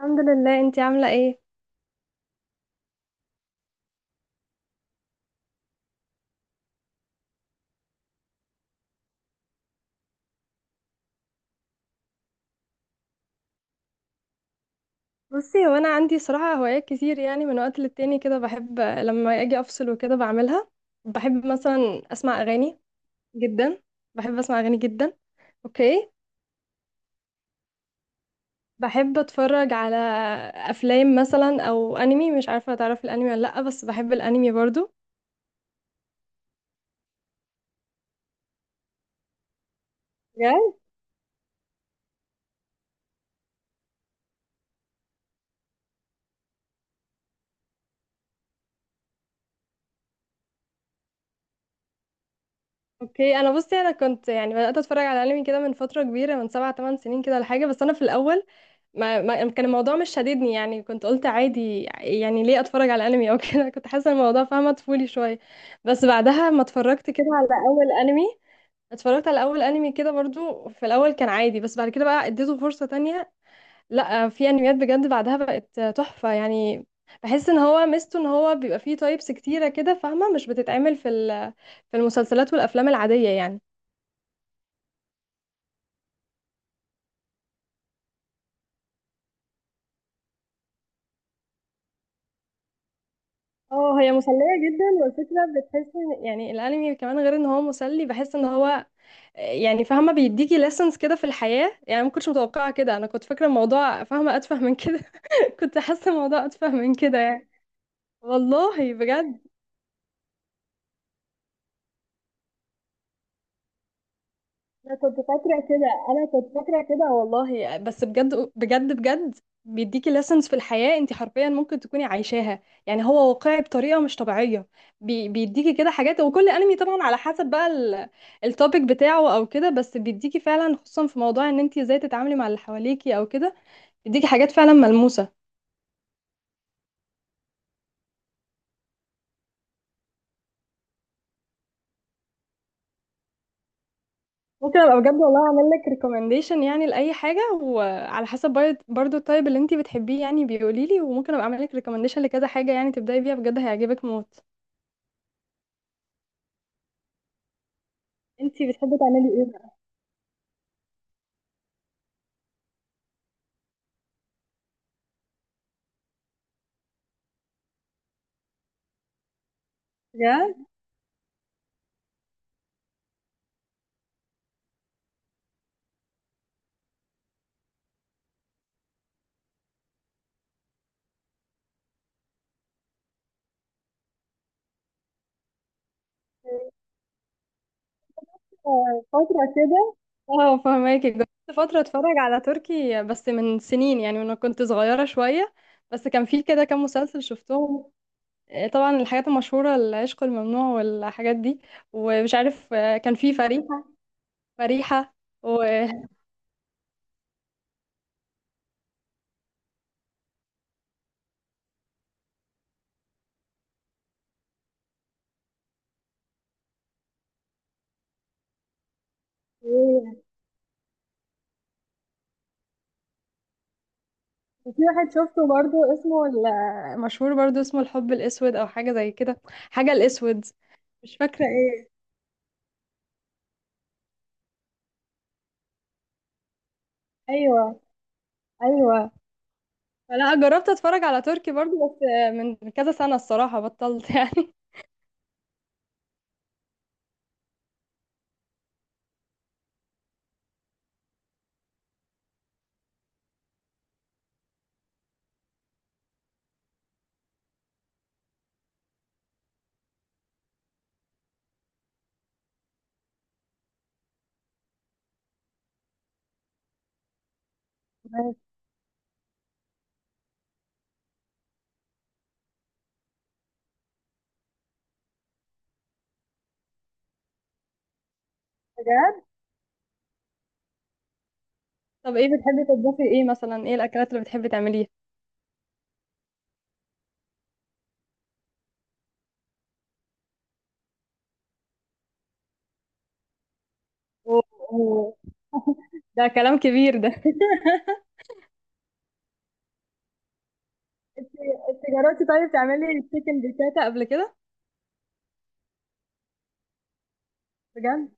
الحمد لله، انتي عاملة ايه؟ بصي هو انا عندي صراحة هوايات كتير. يعني من وقت للتاني كده بحب لما اجي افصل وكده بعملها. بحب مثلا اسمع اغاني جدا. بحب اسمع اغاني جدا. اوكي. بحب اتفرج على افلام مثلا او انمي. مش عارفة تعرف الانمي ولا لا، بس بحب الانمي برضو. بجد؟ اوكي. انا بصي انا كنت يعني بدأت اتفرج على انمي كده من فترة كبيرة، من 7 8 سنين كده ولا حاجة. بس انا في الاول ما كان الموضوع مش شاددني. يعني كنت قلت عادي، يعني ليه اتفرج على انمي او كده. كنت حاسه الموضوع فاهمه طفولي شويه. بس بعدها ما اتفرجت كده على اول انمي، اتفرجت على اول انمي كده برضو. في الاول كان عادي، بس بعد كده بقى اديته فرصه تانية. لا، في انميات بجد بعدها بقت تحفه يعني. بحس ان هو ميزته ان هو بيبقى فيه تايبس كتيره كده فاهمه، مش بتتعمل في في المسلسلات والافلام العاديه يعني. اه هي مسلية جدا. والفكرة بتحس ان يعني الانمي كمان، غير ان هو مسلي، بحس ان هو يعني فاهمه بيديكي lessons كده في الحياه. يعني ما كنتش متوقعه كده، انا كنت فاكره الموضوع فاهمه اتفه من كده. كنت حاسه الموضوع اتفه من كده يعني. والله بجد، انا كنت فاكره كده، انا كنت فاكره كده والله، بس بجد بجد بجد بيديكي lessons في الحياه. انت حرفيا ممكن تكوني عايشاها، يعني هو واقعي بطريقه مش طبيعيه. بيديكي كده حاجات. وكل انمي طبعا على حسب بقى التوبيك بتاعه او كده. بس بيديكي فعلا، خصوصا في موضوع ان انت ازاي تتعاملي مع اللي حواليكي او كده، بيديكي حاجات فعلا ملموسه. ممكن ابقى بجد والله اعمل لك ريكومنديشن يعني لاي حاجه، وعلى حسب برضو التايب اللي انتي بتحبيه يعني بيقولي لي، وممكن ابقى اعمل لك ريكومنديشن لكذا حاجه يعني تبداي بيها، بجد هيعجبك موت. انتي بتحبي تعملي ايه بقى؟ بجد. فترة كده. اه فهماكي جربت فتره اتفرج على تركي بس من سنين، يعني وانا كنت صغيره شويه. بس كان في كده كام مسلسل شفتهم. طبعا الحاجات المشهوره، العشق الممنوع والحاجات دي. ومش عارف، كان في فريحه. فريحه و... وفي واحد شفته برضو اسمه مشهور برضو اسمه الحب الأسود أو حاجة زي كده. حاجة الأسود، مش فاكرة ايه. أيوة. أيوة. فلا جربت أتفرج على تركي برضو، بس من كذا سنة الصراحة بطلت يعني. بجد طب ايه بتحبي تطبخي ايه مثلا، ايه الأكلات اللي بتحبي تعمليها؟ و- ده كلام كبير ده. إيه، انت جربتي طيب تعملي تشيكن بيكاتا قبل كده؟ بجد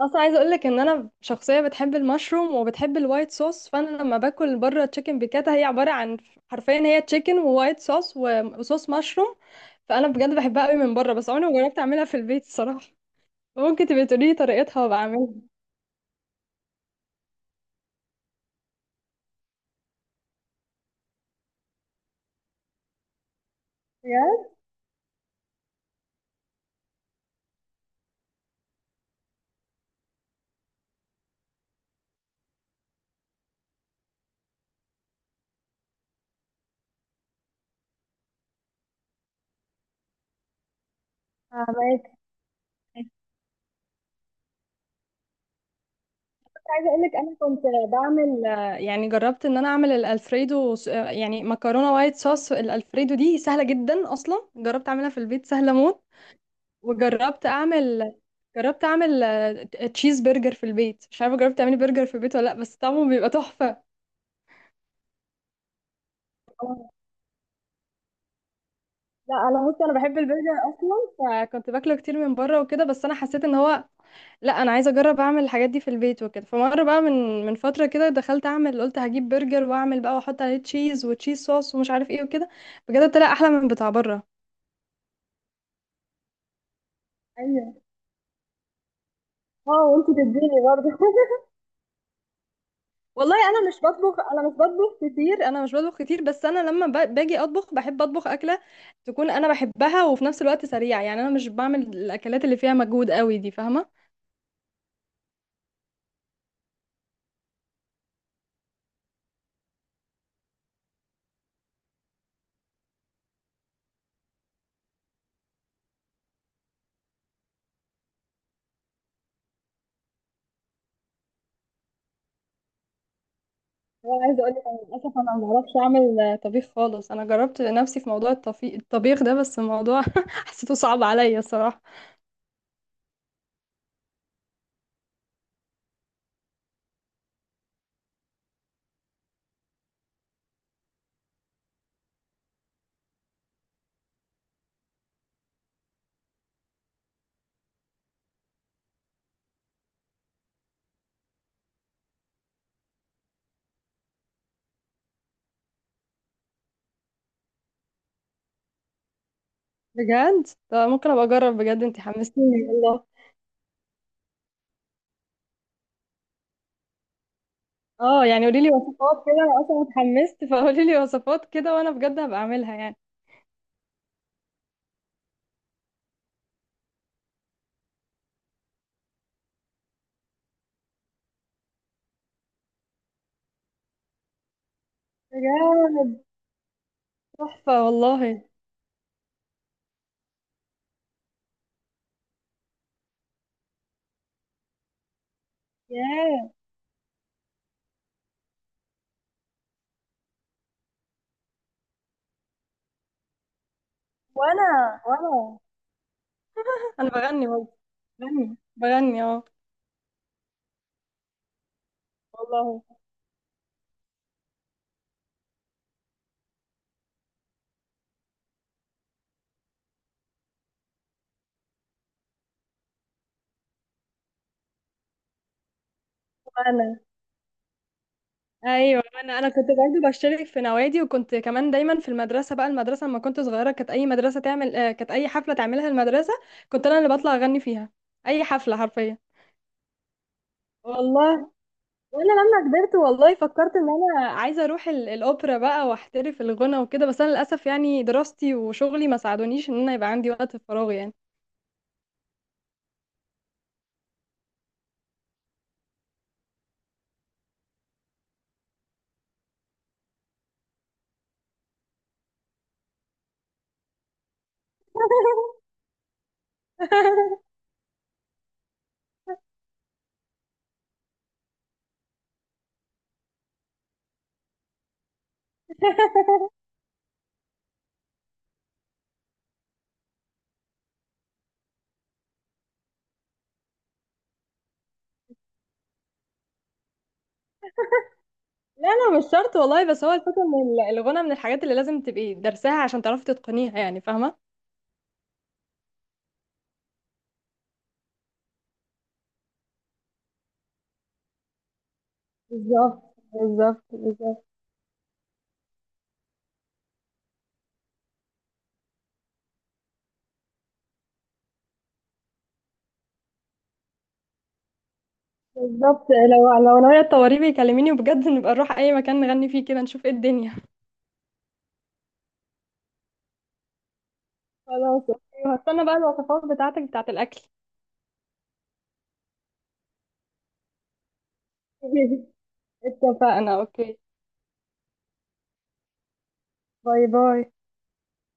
اصلا عايزه اقول لك ان انا شخصيه بتحب المشروم وبتحب الوايت صوص، فانا لما باكل بره تشيكن بيكاتا هي عباره عن، حرفيا هي تشيكن ووايت صوص وصوص مشروم. فانا بجد بحبها قوي من بره، بس عمري ما جربت اعملها في البيت الصراحه. ممكن تبقي تقولي لي طريقتها وبعملها؟ بجد؟ فاهمك. عايزه اقول لك انا كنت بعمل، يعني جربت ان انا اعمل الالفريدو يعني مكرونه وايت صوص. الالفريدو دي سهله جدا، اصلا جربت اعملها في البيت، سهله موت. وجربت اعمل، جربت اعمل تشيز برجر في البيت. مش عارفه جربت تعملي برجر في البيت ولا لا، بس طعمه بيبقى تحفه. آه. لا انا بصي انا بحب البرجر اصلا، فكنت باكله كتير من بره وكده. بس انا حسيت ان هو لا انا عايزه اجرب اعمل الحاجات دي في البيت وكده. فمره بقى من فتره كده دخلت اعمل، قلت هجيب برجر واعمل بقى واحط عليه تشيز وتشيز صوص ومش عارف ايه وكده. بجد طلع احلى من بتاع بره. ايوه. اه وانت تديني برضه. والله انا مش بطبخ، انا مش بطبخ كتير، انا مش بطبخ كتير. بس انا لما باجي اطبخ بحب اطبخ اكله تكون انا بحبها، وفي نفس الوقت سريعه. يعني انا مش بعمل الاكلات اللي فيها مجهود قوي دي، فاهمه. هو عايزه اقول لك انا للاسف انا ما بعرفش اعمل طبيخ خالص. انا جربت نفسي في موضوع الطبيخ ده، بس الموضوع حسيته صعب عليا الصراحه. بجد طب ممكن ابقى اجرب، بجد انت حمستيني والله. اه يعني قولي لي وصفات كده، انا اصلا اتحمست، فقولي لي وصفات كده وانا بجد هبقى اعملها يعني. بجد. تحفه والله. ياه. وانا وانا بغني والله. بغني بغني اه. والله. انا ايوه انا كنت برضه بشترك في نوادي، وكنت كمان دايما في المدرسه. بقى المدرسه لما كنت صغيره كانت اي مدرسه تعمل كانت اي حفله تعملها المدرسه كنت انا اللي بطلع اغني فيها. اي حفله حرفيا. والله. وانا لما كبرت والله فكرت ان انا عايزه اروح الاوبرا بقى واحترف الغنى وكده. بس انا للاسف يعني دراستي وشغلي ما ساعدونيش ان انا يبقى عندي وقت فراغ يعني. لا لا، مش شرط والله. بس هو الفكرة ان الغنى من الحاجات اللي لازم تبقي درساها عشان تعرفي تتقنيها يعني، فاهمة. بالظبط. بالظبط بالظبط. بالظبط لو ناوية تطوري بيكلميني، وبجد نبقى نروح اي مكان نغني فيه كده نشوف ايه الدنيا. خلاص أوكي، وهستنى بقى الوصفات بتاعتك بتاعت الاكل. اتفقنا انا اوكي. باي باي.